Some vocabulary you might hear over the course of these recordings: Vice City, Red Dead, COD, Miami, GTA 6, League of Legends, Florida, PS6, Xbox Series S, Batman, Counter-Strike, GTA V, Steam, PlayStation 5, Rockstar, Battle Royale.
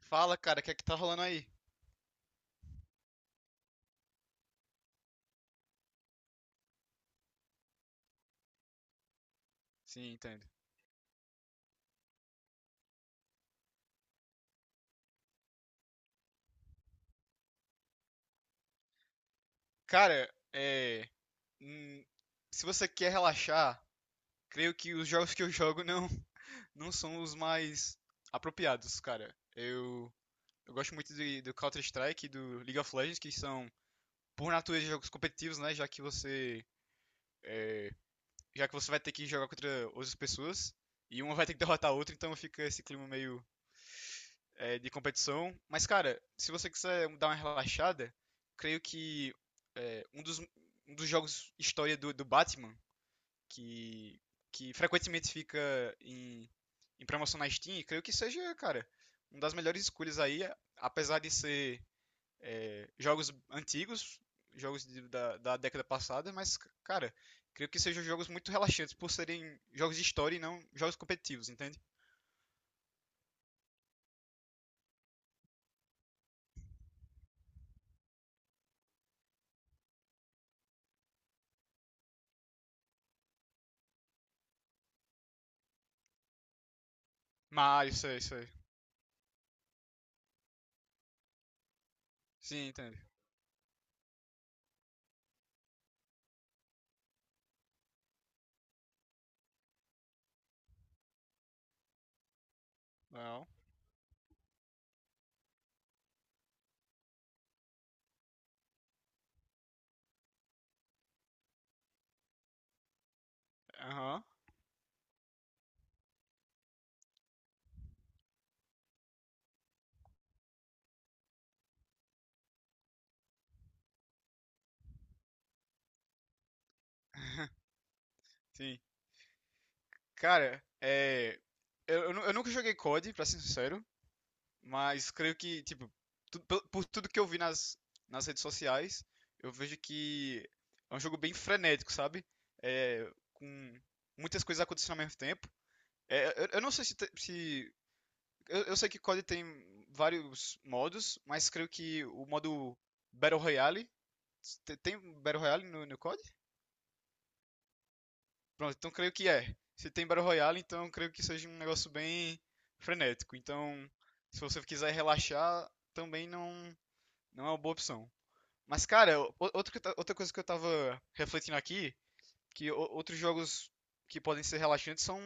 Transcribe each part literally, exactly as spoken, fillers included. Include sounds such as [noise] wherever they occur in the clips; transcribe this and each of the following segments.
Fala, cara, o que é que tá rolando aí? Sim, entendo. Cara, é. hum, Se você quer relaxar, creio que os jogos que eu jogo não, [laughs] não são os mais apropriados, cara. Eu, eu gosto muito de- do Counter-Strike e do League of Legends, que são, por natureza, jogos competitivos, né? Já que você é, já que você vai ter que jogar contra outras pessoas e uma vai ter que derrotar a outra, então fica esse clima meio é, de competição. Mas, cara, se você quiser dar uma relaxada, creio que é, um, dos, um dos jogos história do, do Batman, que, que frequentemente fica em, em promoção na Steam, creio que seja, cara, uma das melhores escolhas aí, apesar de ser é, jogos antigos, jogos de- da, da década passada, mas, cara, creio que sejam jogos muito relaxantes por serem jogos de história e não jogos competitivos, entende? Mario, sei, sei. Sim, entende. Não. Aham, sim. Cara, é. Eu, eu nu- eu nunca joguei C O D, pra ser sincero, mas creio que, tipo, tu- pe- por tudo que eu vi nas, nas redes sociais, eu vejo que é um jogo bem frenético, sabe? É, com muitas coisas acontecendo ao mesmo tempo. É, eu, eu não sei se, te- se- eu, eu sei que C O D tem vários modos, mas creio que o modo Battle Royale. te- Tem Battle Royale no, no C O D? Pronto, então creio que é. Se tem Battle Royale, então creio que seja um negócio bem frenético. Então, se você quiser relaxar, também não, não é uma boa opção. Mas, cara, o- outro que eu ta- outra coisa que eu tava refletindo aqui, que o- outros jogos que podem ser relaxantes são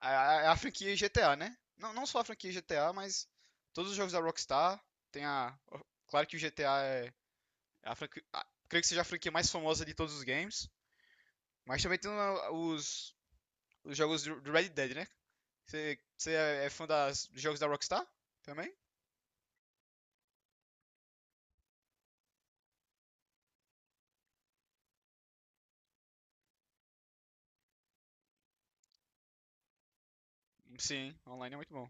a, a, é a franquia G T A, né? Não, não só a franquia G T A, mas todos os jogos da Rockstar tem a. Claro que o G T A é é a franquia. A- creio que seja a franquia mais famosa de todos os games. Mas também tem uma- os, os jogos do do Red Dead, né? Você é é fã das- dos jogos da Rockstar também? Sim, online é muito bom.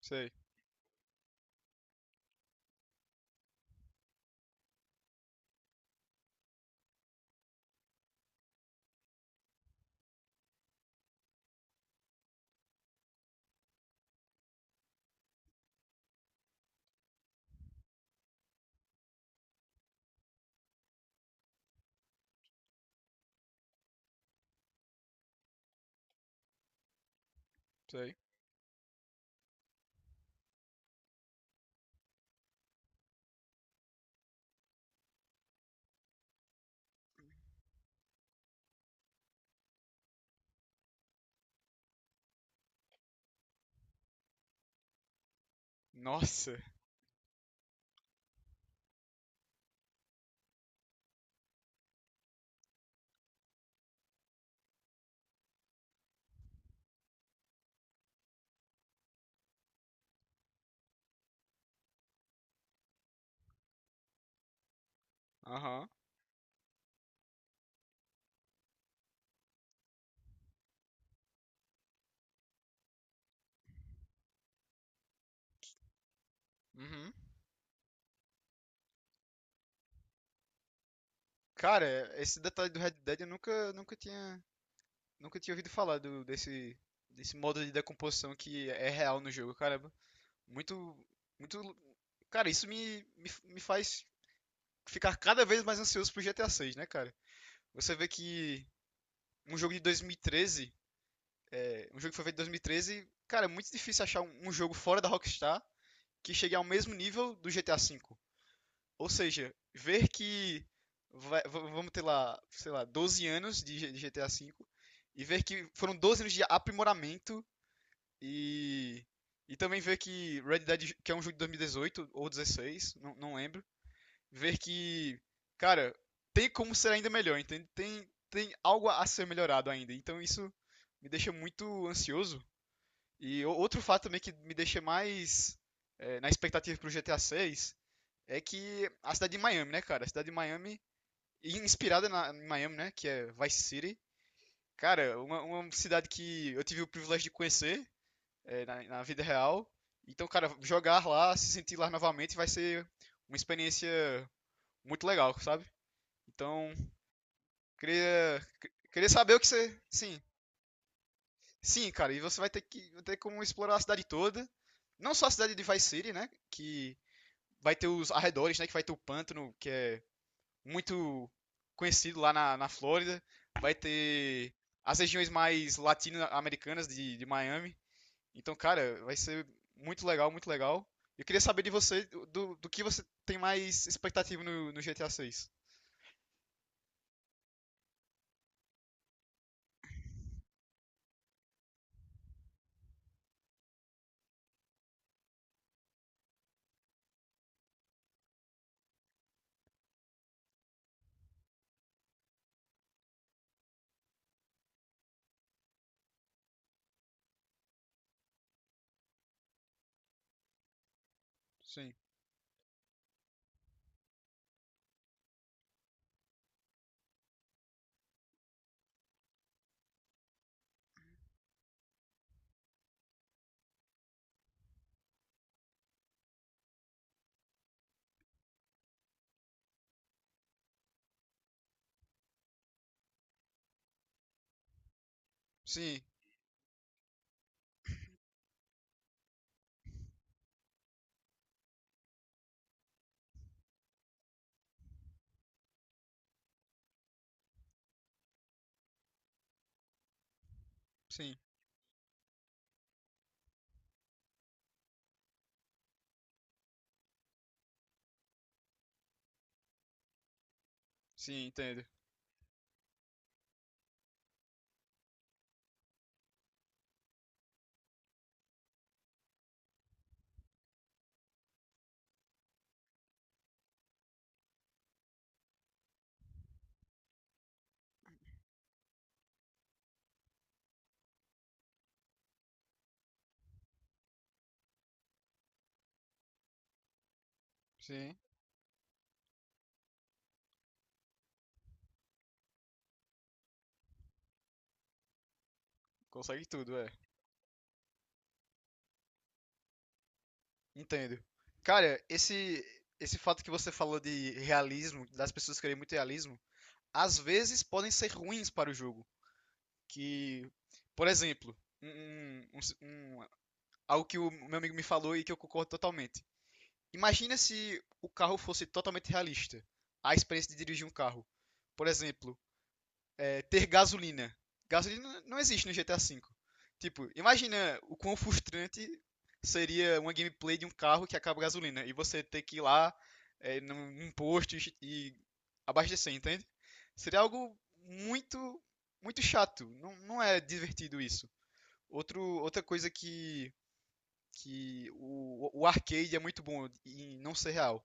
Sei, sei. Nossa. Aham. Uhum. Cara, esse detalhe do Red Dead eu nunca, nunca tinha Nunca tinha ouvido falar do, desse, desse modo de decomposição que é real no jogo, caramba. Muito, muito. Cara, isso me, me, me faz ficar cada vez mais ansioso pro G T A seis, né, cara? Você vê que um jogo de dois mil e treze, é, um jogo que foi feito em dois mil e treze, cara, é muito difícil achar um, um jogo fora da Rockstar que chegue ao mesmo nível do G T A vê. Ou seja, ver que vai- v- vamos ter lá, sei lá, doze anos de G- de G T A cinco e ver que foram doze anos de aprimoramento. E, e também ver que Red Dead, que é um jogo de dois mil e dezoito ou dezesseis, não, não lembro, ver que, cara, tem como ser ainda melhor, entende? Tem, tem algo a ser melhorado ainda. Então isso me deixa muito ansioso. E o- outro fato também que me deixa mais eh, na expectativa pro G T A seis é que a cidade de Miami, né, cara? A cidade de Miami, inspirada na, em Miami, né, que é Vice City. Cara, uma, uma cidade que eu tive o privilégio de conhecer é, na, na vida real. Então, cara, jogar lá, se sentir lá novamente vai ser uma experiência muito legal, sabe? Então, queria, queria saber o que você. Sim, sim, cara, e você vai ter que vai ter como explorar a cidade toda. Não só a cidade de Vice City, né? Que vai ter os arredores, né? Que vai ter o pântano, que é muito conhecido lá na, na Flórida. Vai ter as regiões mais latino-americanas de, de Miami. Então, cara, vai ser muito legal, muito legal. Eu queria saber de você, do, do que você tem mais expectativa no, no G T A seis. Sim, sim, sim, sim, entendo. Sim, consegue tudo, é. Entendo. Cara, esse, esse fato que você falou de realismo, das pessoas querem muito realismo, às vezes podem ser ruins para o jogo. Que, por exemplo, um, um- um- um- algo que o meu amigo me falou e que eu concordo totalmente. Imagina se o carro fosse totalmente realista. A experiência de dirigir um carro. Por exemplo, é, ter gasolina. Gasolina não existe no G T A vê. Tipo, imagina o quão frustrante seria uma gameplay de um carro que acaba a gasolina. E você ter que ir lá é, num num posto e, e abastecer, entende? Seria algo muito, muito chato. Não, não é divertido isso. Outro, outra coisa que, que o, o arcade é muito bom em não ser real.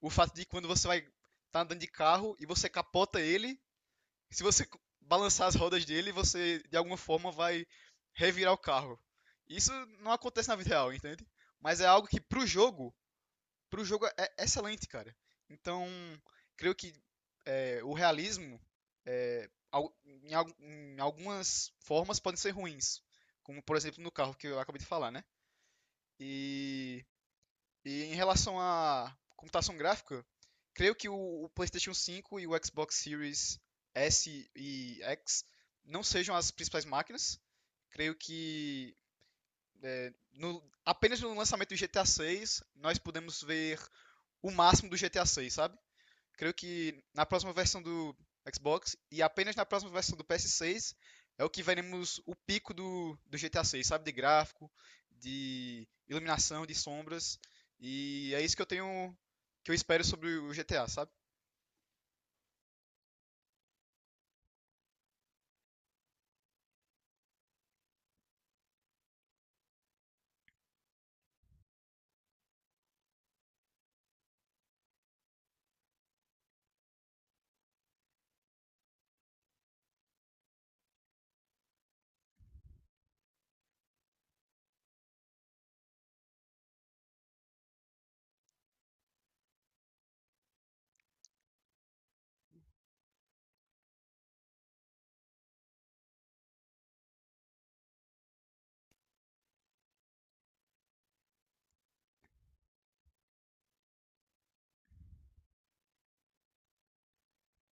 O fato de quando você vai tá andando de carro e você capota ele, se você c- balançar as rodas dele, você de alguma forma vai revirar o carro. Isso não acontece na vida real, entende? Mas é algo que pro jogo, pro jogo é excelente, cara. Então, creio que é, o realismo é, al- em, al- em algumas formas podem ser ruins, como por exemplo no carro que eu acabei de falar, né? E e em relação à computação gráfica, creio que o, o PlayStation cinco e o Xbox Series S e X não sejam as principais máquinas. Creio que é, no- apenas no lançamento do G T A seis nós podemos ver o máximo do G T A seis, sabe? Creio que na próxima versão do Xbox e apenas na próxima versão do P S seis é o que veremos o pico do, do G T A seis, sabe? De gráfico, de iluminação, de sombras. E é isso que eu tenho, que eu espero sobre o G T A, sabe?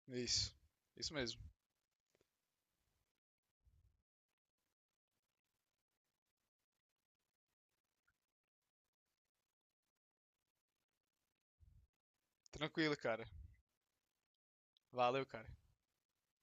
É isso. É isso mesmo. Tranquilo, cara. Valeu, cara.